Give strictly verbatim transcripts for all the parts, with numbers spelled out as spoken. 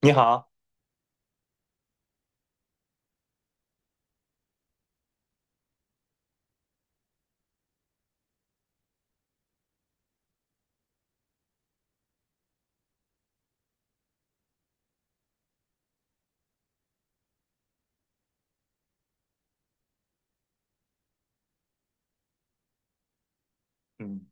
你好。嗯，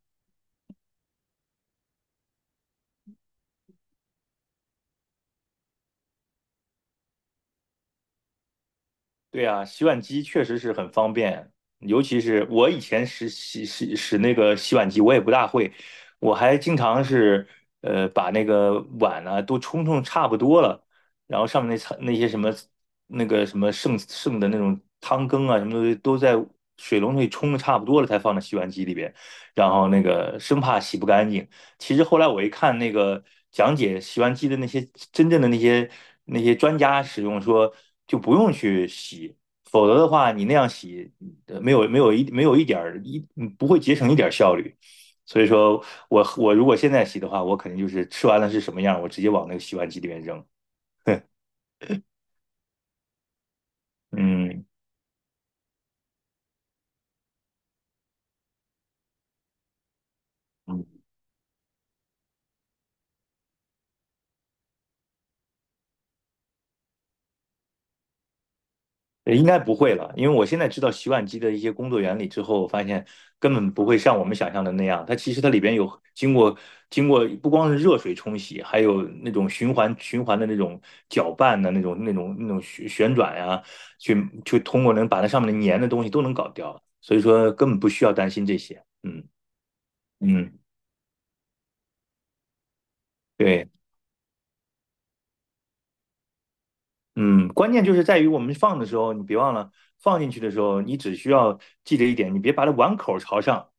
对啊，洗碗机确实是很方便，尤其是我以前使洗洗使那个洗碗机，我也不大会，我还经常是呃把那个碗呢，都冲冲差不多了，然后上面那层那些什么那个什么剩剩的那种汤羹啊什么东西都在水龙头里冲的差不多了，才放到洗碗机里边，然后那个生怕洗不干净。其实后来我一看那个讲解洗碗机的那些真正的那些那些专家使用说，就不用去洗，否则的话你那样洗，呃没有没有一没有一点儿一嗯不会节省一点儿效率。所以说我我如果现在洗的话，我肯定就是吃完了是什么样，我直接往那个洗碗机里面扔。嗯。嗯，呃应该不会了，因为我现在知道洗碗机的一些工作原理之后，我发现根本不会像我们想象的那样。它其实它里边有经过经过不光是热水冲洗，还有那种循环循环的那种搅拌的那种那种那种旋旋转呀，去去通过能把那上面的粘的东西都能搞掉。所以说根本不需要担心这些。嗯。嗯，对。嗯，关键就是在于我们放的时候，你别忘了放进去的时候，你只需要记着一点，你别把它碗口朝上。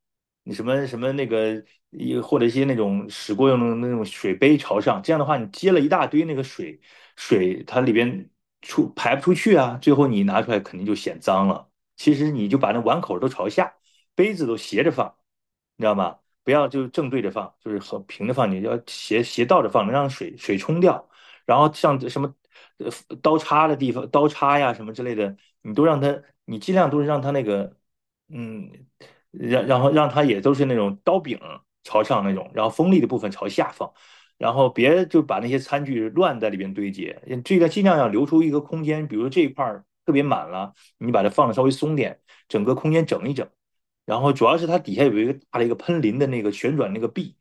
你什么什么那个，一或者一些那种使过用的那种水杯朝上，这样的话，你接了一大堆那个水水，它里边出排不出去啊，最后你拿出来肯定就显脏了。其实你就把那碗口都朝下，杯子都斜着放，你知道吗？不要就是正对着放，就是和平着放，你要斜斜倒着放，能让水水冲掉。然后像什么呃刀叉的地方，刀叉呀什么之类的，你都让它，你尽量都是让它那个。嗯，然然后让它也都是那种刀柄朝上那种，然后锋利的部分朝下方，然后别就把那些餐具乱在里边堆积，这个尽量要留出一个空间，比如这一块儿特别满了，你把它放的稍微松点，整个空间整一整。然后主要是它底下有一个大的一个喷淋的那个旋转那个臂，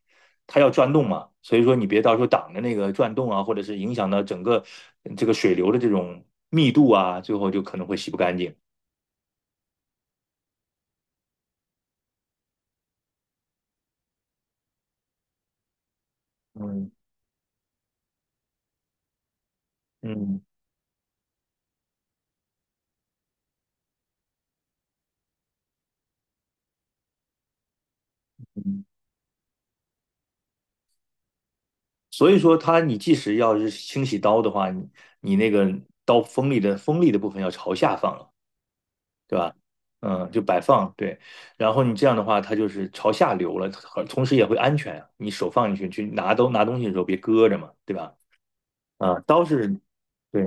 它要转动嘛，所以说你别到时候挡着那个转动啊，或者是影响到整个这个水流的这种密度啊，最后就可能会洗不干净。嗯。嗯。嗯，所以说它你即使要是清洗刀的话，你你那个刀锋利的锋利的部分要朝下放了，对吧？嗯，就摆放，对。然后你这样的话，它就是朝下流了，同时也会安全啊。你手放进去去拿东拿东西的时候别搁着嘛，对吧？啊，刀是，对。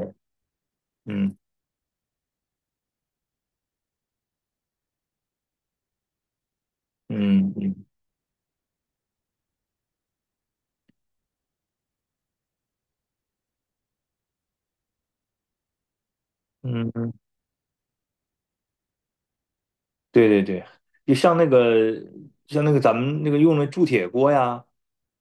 嗯。嗯。嗯。嗯。嗯，对对对，就像那个像那个咱们那个用的铸铁锅呀。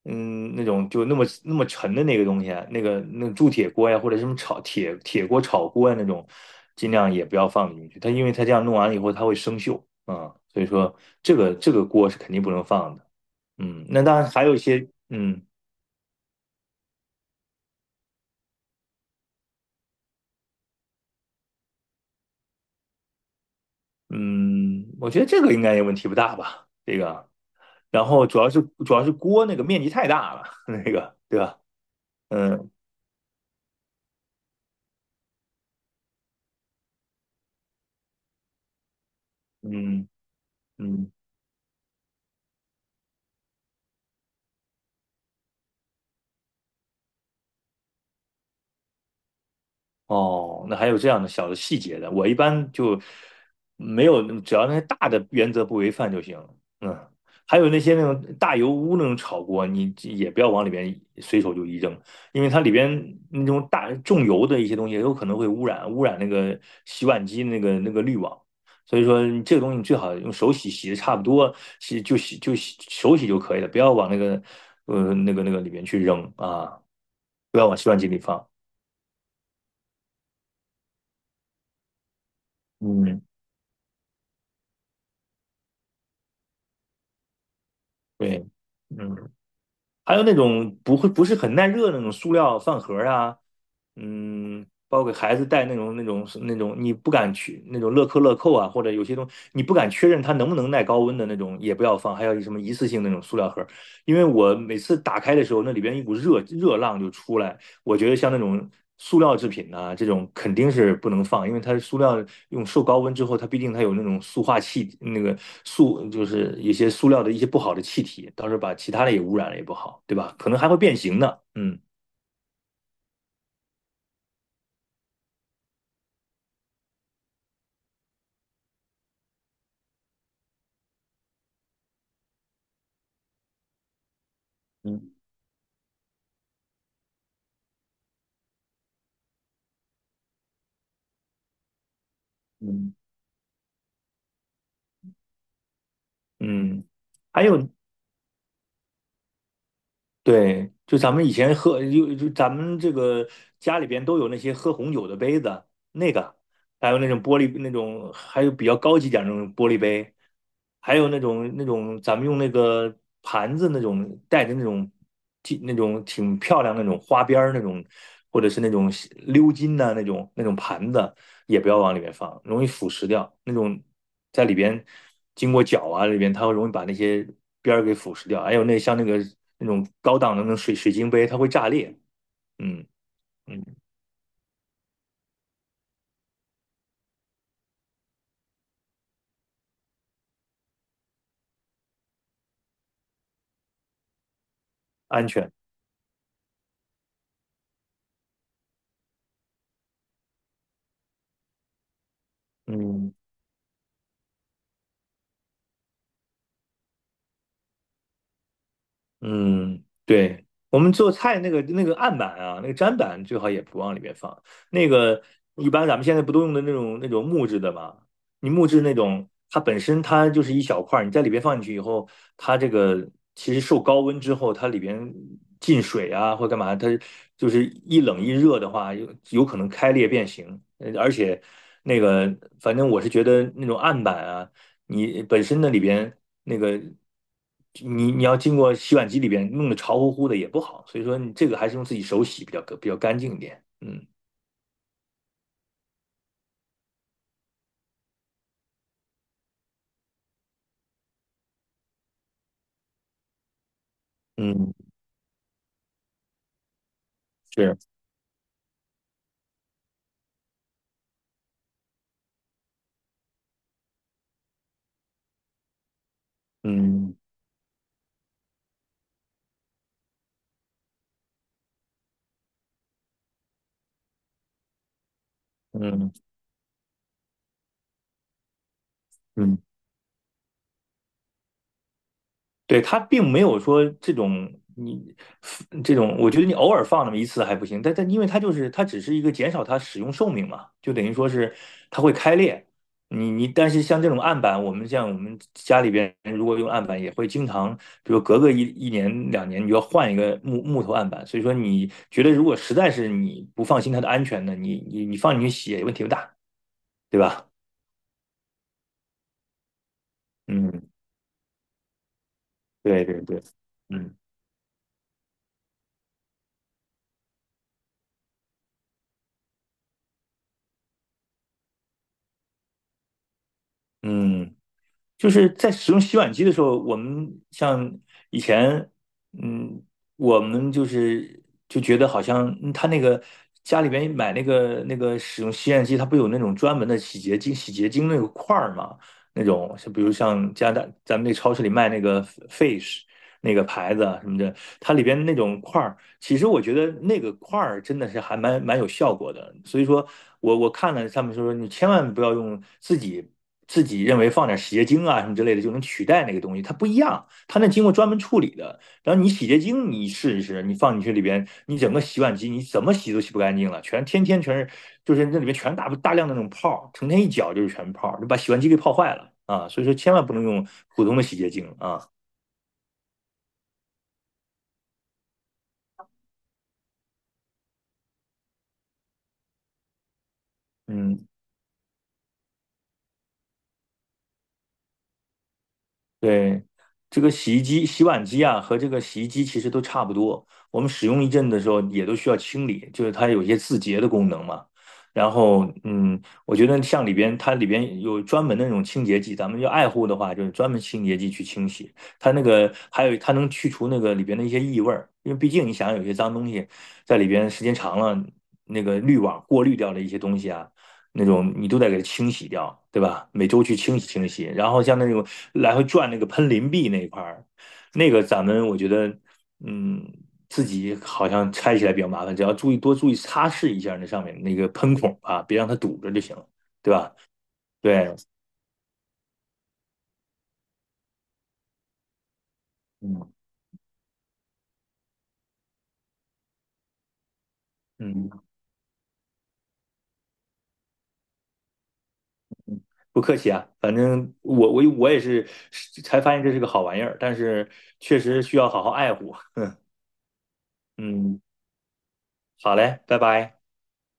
嗯，那种就那么那么沉的那个东西啊，那个那个铸铁锅呀，或者什么炒铁铁锅炒锅呀那种，尽量也不要放进去。它因为它这样弄完了以后，它会生锈啊，所以说这个这个锅是肯定不能放的。嗯，那当然还有一些。嗯。嗯，我觉得这个应该也问题不大吧，这个。然后主要是主要是锅那个面积太大了，那个对吧？嗯。嗯。嗯。哦，那还有这样的小的细节的，我一般就没有，只要那些大的原则不违反就行。嗯，还有那些那种大油污那种炒锅，你也不要往里边随手就一扔，因为它里边那种大重油的一些东西，有可能会污染污染那个洗碗机那个那个滤网。所以说，你这个东西你最好用手洗，洗的差不多，洗就洗就洗手洗就可以了，不要往那个呃那个那个里面去扔啊，不要往洗碗机里放。嗯。对。嗯，还有那种不会不是很耐热的那种塑料饭盒儿啊。嗯，包括给孩子带那种那种那种你不敢去那种乐扣乐扣啊，或者有些东西你不敢确认它能不能耐高温的那种也不要放，还有什么一次性那种塑料盒儿，因为我每次打开的时候，那里边一股热热浪就出来。我觉得像那种塑料制品呐、这种肯定是不能放，因为它塑料用受高温之后，它毕竟它有那种塑化气，那个塑就是一些塑料的一些不好的气体，到时候把其他的也污染了也不好，对吧？可能还会变形呢。嗯。嗯。嗯。嗯，还有对，就咱们以前喝，就就咱们这个家里边都有那些喝红酒的杯子，那个还有那种玻璃那种，还有比较高级点儿那种玻璃杯，还有那种那种咱们用那个盘子那种带着那种挺那种挺漂亮那种花边儿那种，或者是那种鎏金的那种那种盘子，也不要往里面放，容易腐蚀掉。那种在里边经过搅啊，里边它会容易把那些边儿给腐蚀掉。还有那像那个那种高档的那种水水晶杯，它会炸裂。嗯。嗯，安全。嗯。嗯，对，我们做菜那个那个案板啊，那个砧板最好也不往里面放。那个一般咱们现在不都用的那种那种木质的嘛？你木质那种，它本身它就是一小块儿，你在里边放进去以后，它这个其实受高温之后，它里边进水啊或干嘛，它就是一冷一热的话，有有可能开裂变形。呃而且那个，反正我是觉得那种案板啊。你本身那里边那个，你你要经过洗碗机里边弄得潮乎乎的也不好，所以说你这个还是用自己手洗比较比较干净一点。嗯。嗯，是。嗯。嗯。嗯。对，它并没有说这种你这种，我觉得你偶尔放那么一次还不行，但但因为它就是它只是一个减少它使用寿命嘛，就等于说是它会开裂。你你但是像这种案板，我们像我们家里边如果用案板，也会经常，比如隔个一一年两年，你就要换一个木木头案板。所以说，你觉得如果实在是你不放心它的安全呢，你你你放进去洗也问题不大，对吧？嗯，对对对。嗯。嗯，就是在使用洗碗机的时候，我们像以前，嗯，我们就是就觉得好像嗯他那个家里边买那个那个使用洗碗机，它不有那种专门的洗洁精、洗洁精那个块儿嘛？那种是比如像加拿大咱们那超市里卖那个 Fish 那个牌子啊什么的，它里边那种块儿。其实我觉得那个块儿真的是还蛮蛮有效果的，所以说我我看了他们说你千万不要用自己自己认为放点洗洁精啊什么之类的就能取代那个东西，它不一样，它那经过专门处理的。然后你洗洁精你试一试，你放进去里边，你整个洗碗机你怎么洗都洗不干净了，全天天全是就是那里面全大大量的那种泡，成天一搅就是全泡，就把洗碗机给泡坏了啊。所以说千万不能用普通的洗洁精啊。嗯，对，这个洗衣机、洗碗机啊，和这个洗衣机其实都差不多。我们使用一阵的时候，也都需要清理，就是它有一些自洁的功能嘛。然后。嗯，我觉得像里边它里边有专门的那种清洁剂，咱们要爱护的话，就是专门清洁剂去清洗。它那个还有它能去除那个里边的一些异味儿，因为毕竟你想有些脏东西在里边时间长了，那个滤网过滤掉的一些东西啊。那种你都得给它清洗掉，对吧？每周去清洗清洗，然后像那种来回转那个喷淋臂那一块儿，那个咱们我觉得。嗯，自己好像拆起来比较麻烦，只要注意多注意擦拭一下那上面那个喷孔啊，别让它堵着就行了，对吧？对。嗯。嗯，不客气啊，反正我我我也是才发现这是个好玩意儿，但是确实需要好好爱护。嗯，好嘞，拜拜。